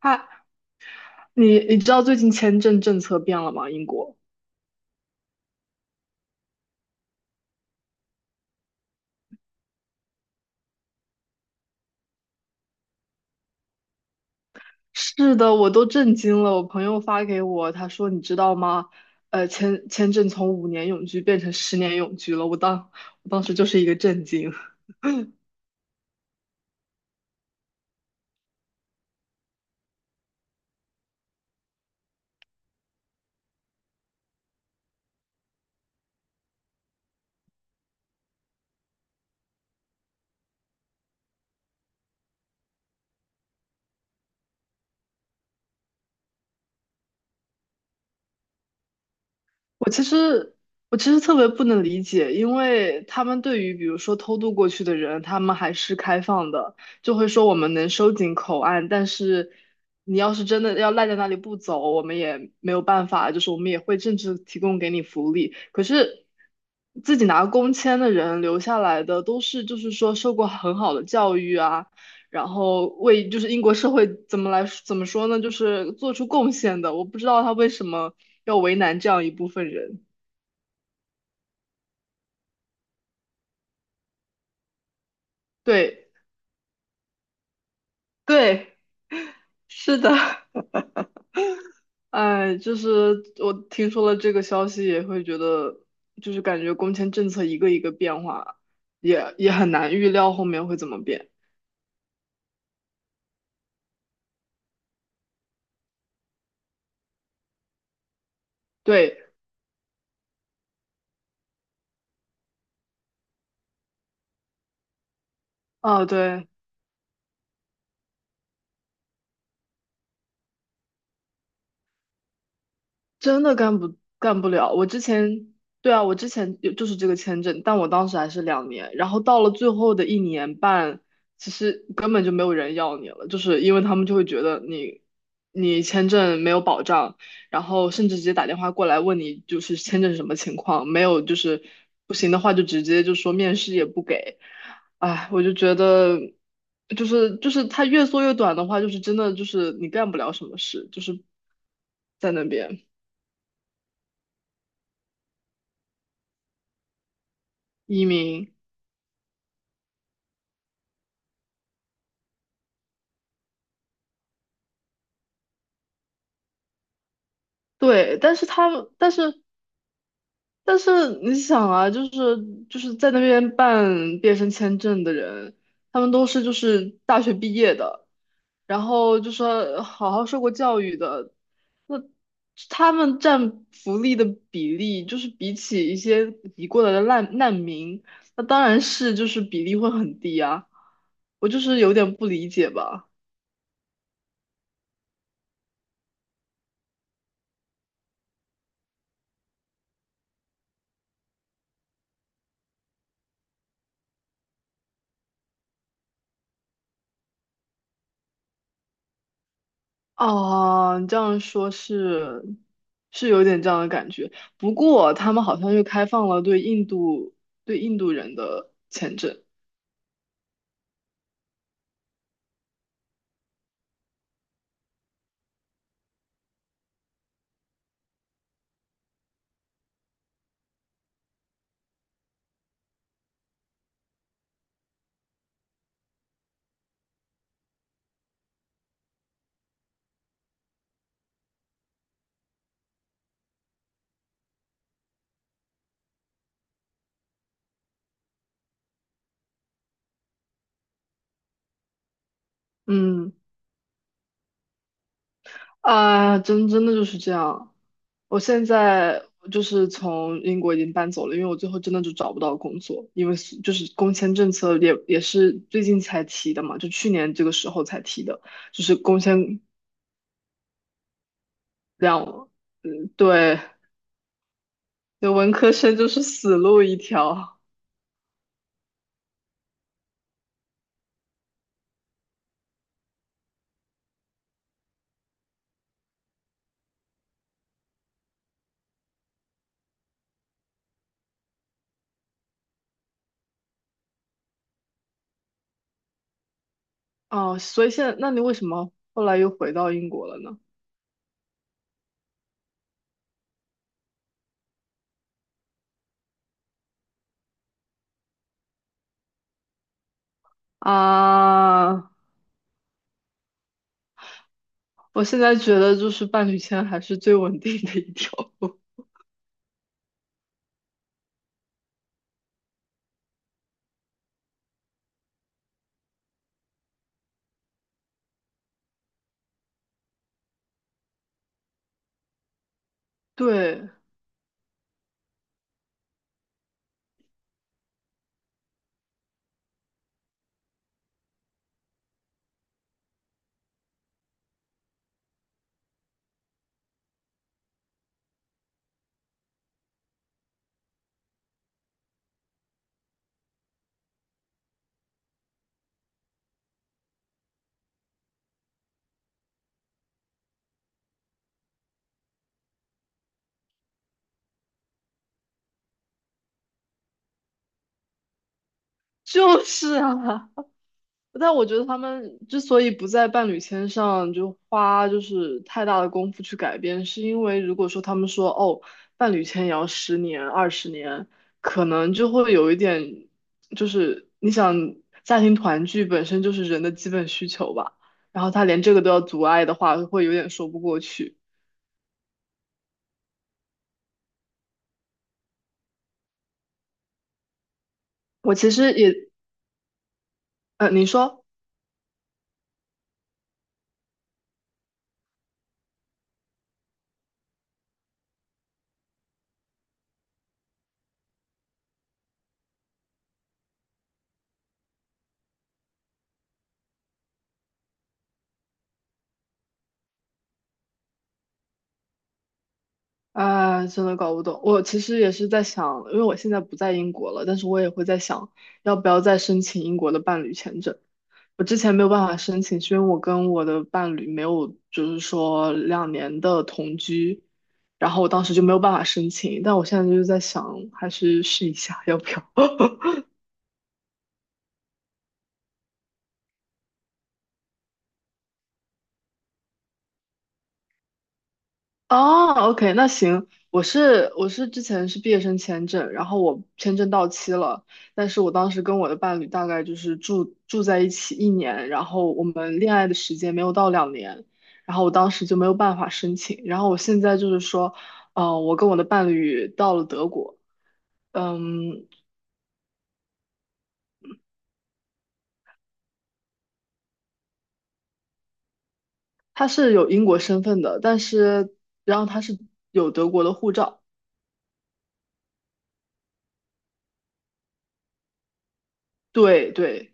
他，你知道最近签证政策变了吗？英国。是的，我都震惊了。我朋友发给我，他说：“你知道吗？签证从5年永居变成十年永居了。”我当时就是一个震惊。我其实我其实特别不能理解，因为他们对于比如说偷渡过去的人，他们还是开放的，就会说我们能收紧口岸，但是你要是真的要赖在那里不走，我们也没有办法，就是我们也会政治提供给你福利。可是自己拿工签的人留下来的，都是就是说受过很好的教育啊。然后为就是英国社会怎么来怎么说呢，就是做出贡献的。我不知道他为什么要为难这样一部分人。对对，是的，哎，就是我听说了这个消息，也会觉得就是感觉工签政策一个一个变化，也很难预料后面会怎么变。对，啊，对。真的干不了。我之前，对啊，我之前有就是这个签证，但我当时还是两年，然后到了最后的1年半，其实根本就没有人要你了，就是因为他们就会觉得你签证没有保障，然后甚至直接打电话过来问你就是签证什么情况，没有就是不行的话就直接就说面试也不给，哎，我就觉得。就是它越缩越短的话，就是真的就是你干不了什么事，就是在那边。移民，对，但是他们，但是你想啊，就是在那边办毕业生签证的人，他们都是就是大学毕业的，然后就说好好受过教育的，那他们占福利的比例，就是比起一些移过来的难民，那当然是就是比例会很低啊，我就是有点不理解吧。哦，你这样说是是有点这样的感觉。不过他们好像又开放了对印度人的签证。嗯，啊，真真的就是这样。我现在就是从英国已经搬走了，因为我最后真的就找不到工作，因为是就是工签政策也是最近才提的嘛，就去年这个时候才提的，就是工签两，嗯，对，对，文科生就是死路一条。哦，所以现在，那你为什么后来又回到英国了呢？啊，我现在觉得就是伴侣签还是最稳定的一条路。对，就是啊，但我觉得他们之所以不在伴侣签上就花就是太大的功夫去改变，是因为如果说他们说哦，伴侣签也要十年、20年，可能就会有一点，就是你想家庭团聚本身就是人的基本需求吧，然后他连这个都要阻碍的话，会有点说不过去。我其实也，你说。啊，真的搞不懂。我其实也是在想，因为我现在不在英国了，但是我也会在想，要不要再申请英国的伴侣签证。我之前没有办法申请，是因为我跟我的伴侣没有，就是说两年的同居，然后我当时就没有办法申请。但我现在就是在想，还是试一下，要不要？哦，OK，那行，我是之前是毕业生签证，然后我签证到期了，但是我当时跟我的伴侣大概就是住在一起一年，然后我们恋爱的时间没有到两年，然后我当时就没有办法申请，然后我现在就是说，我跟我的伴侣到了德国，嗯，他是有英国身份的，但是然后他是有德国的护照，对对，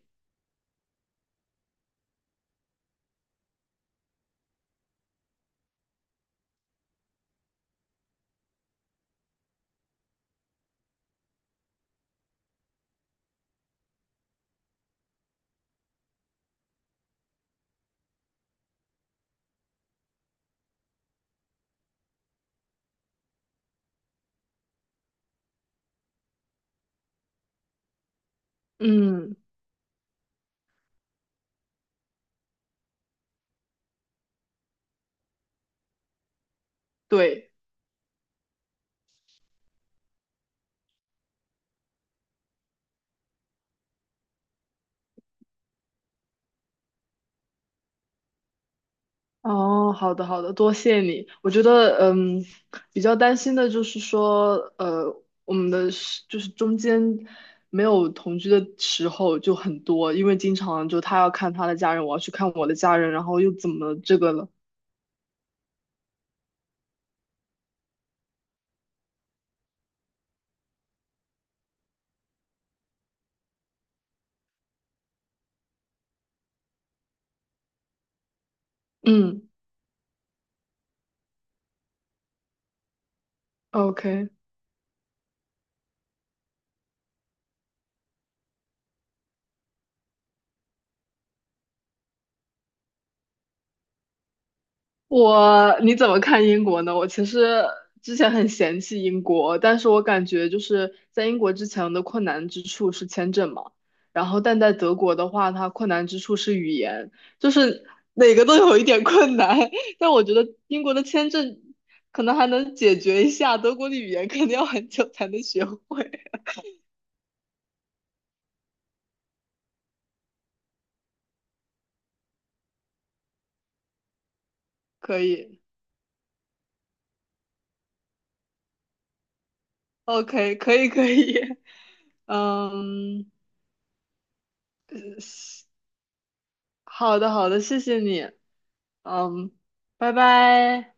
嗯，对。哦，好的好的，多谢你。我觉得，嗯，比较担心的就是说，我们的时就是中间没有同居的时候就很多，因为经常就他要看他的家人，我要去看我的家人，然后又怎么这个了。嗯，OK。我你怎么看英国呢？我其实之前很嫌弃英国，但是我感觉就是在英国之前的困难之处是签证嘛，然后但在德国的话，它困难之处是语言，就是哪个都有一点困难。但我觉得英国的签证可能还能解决一下，德国的语言肯定要很久才能学会。可以，OK，可以可以，嗯，好的好的，谢谢你，嗯，拜拜。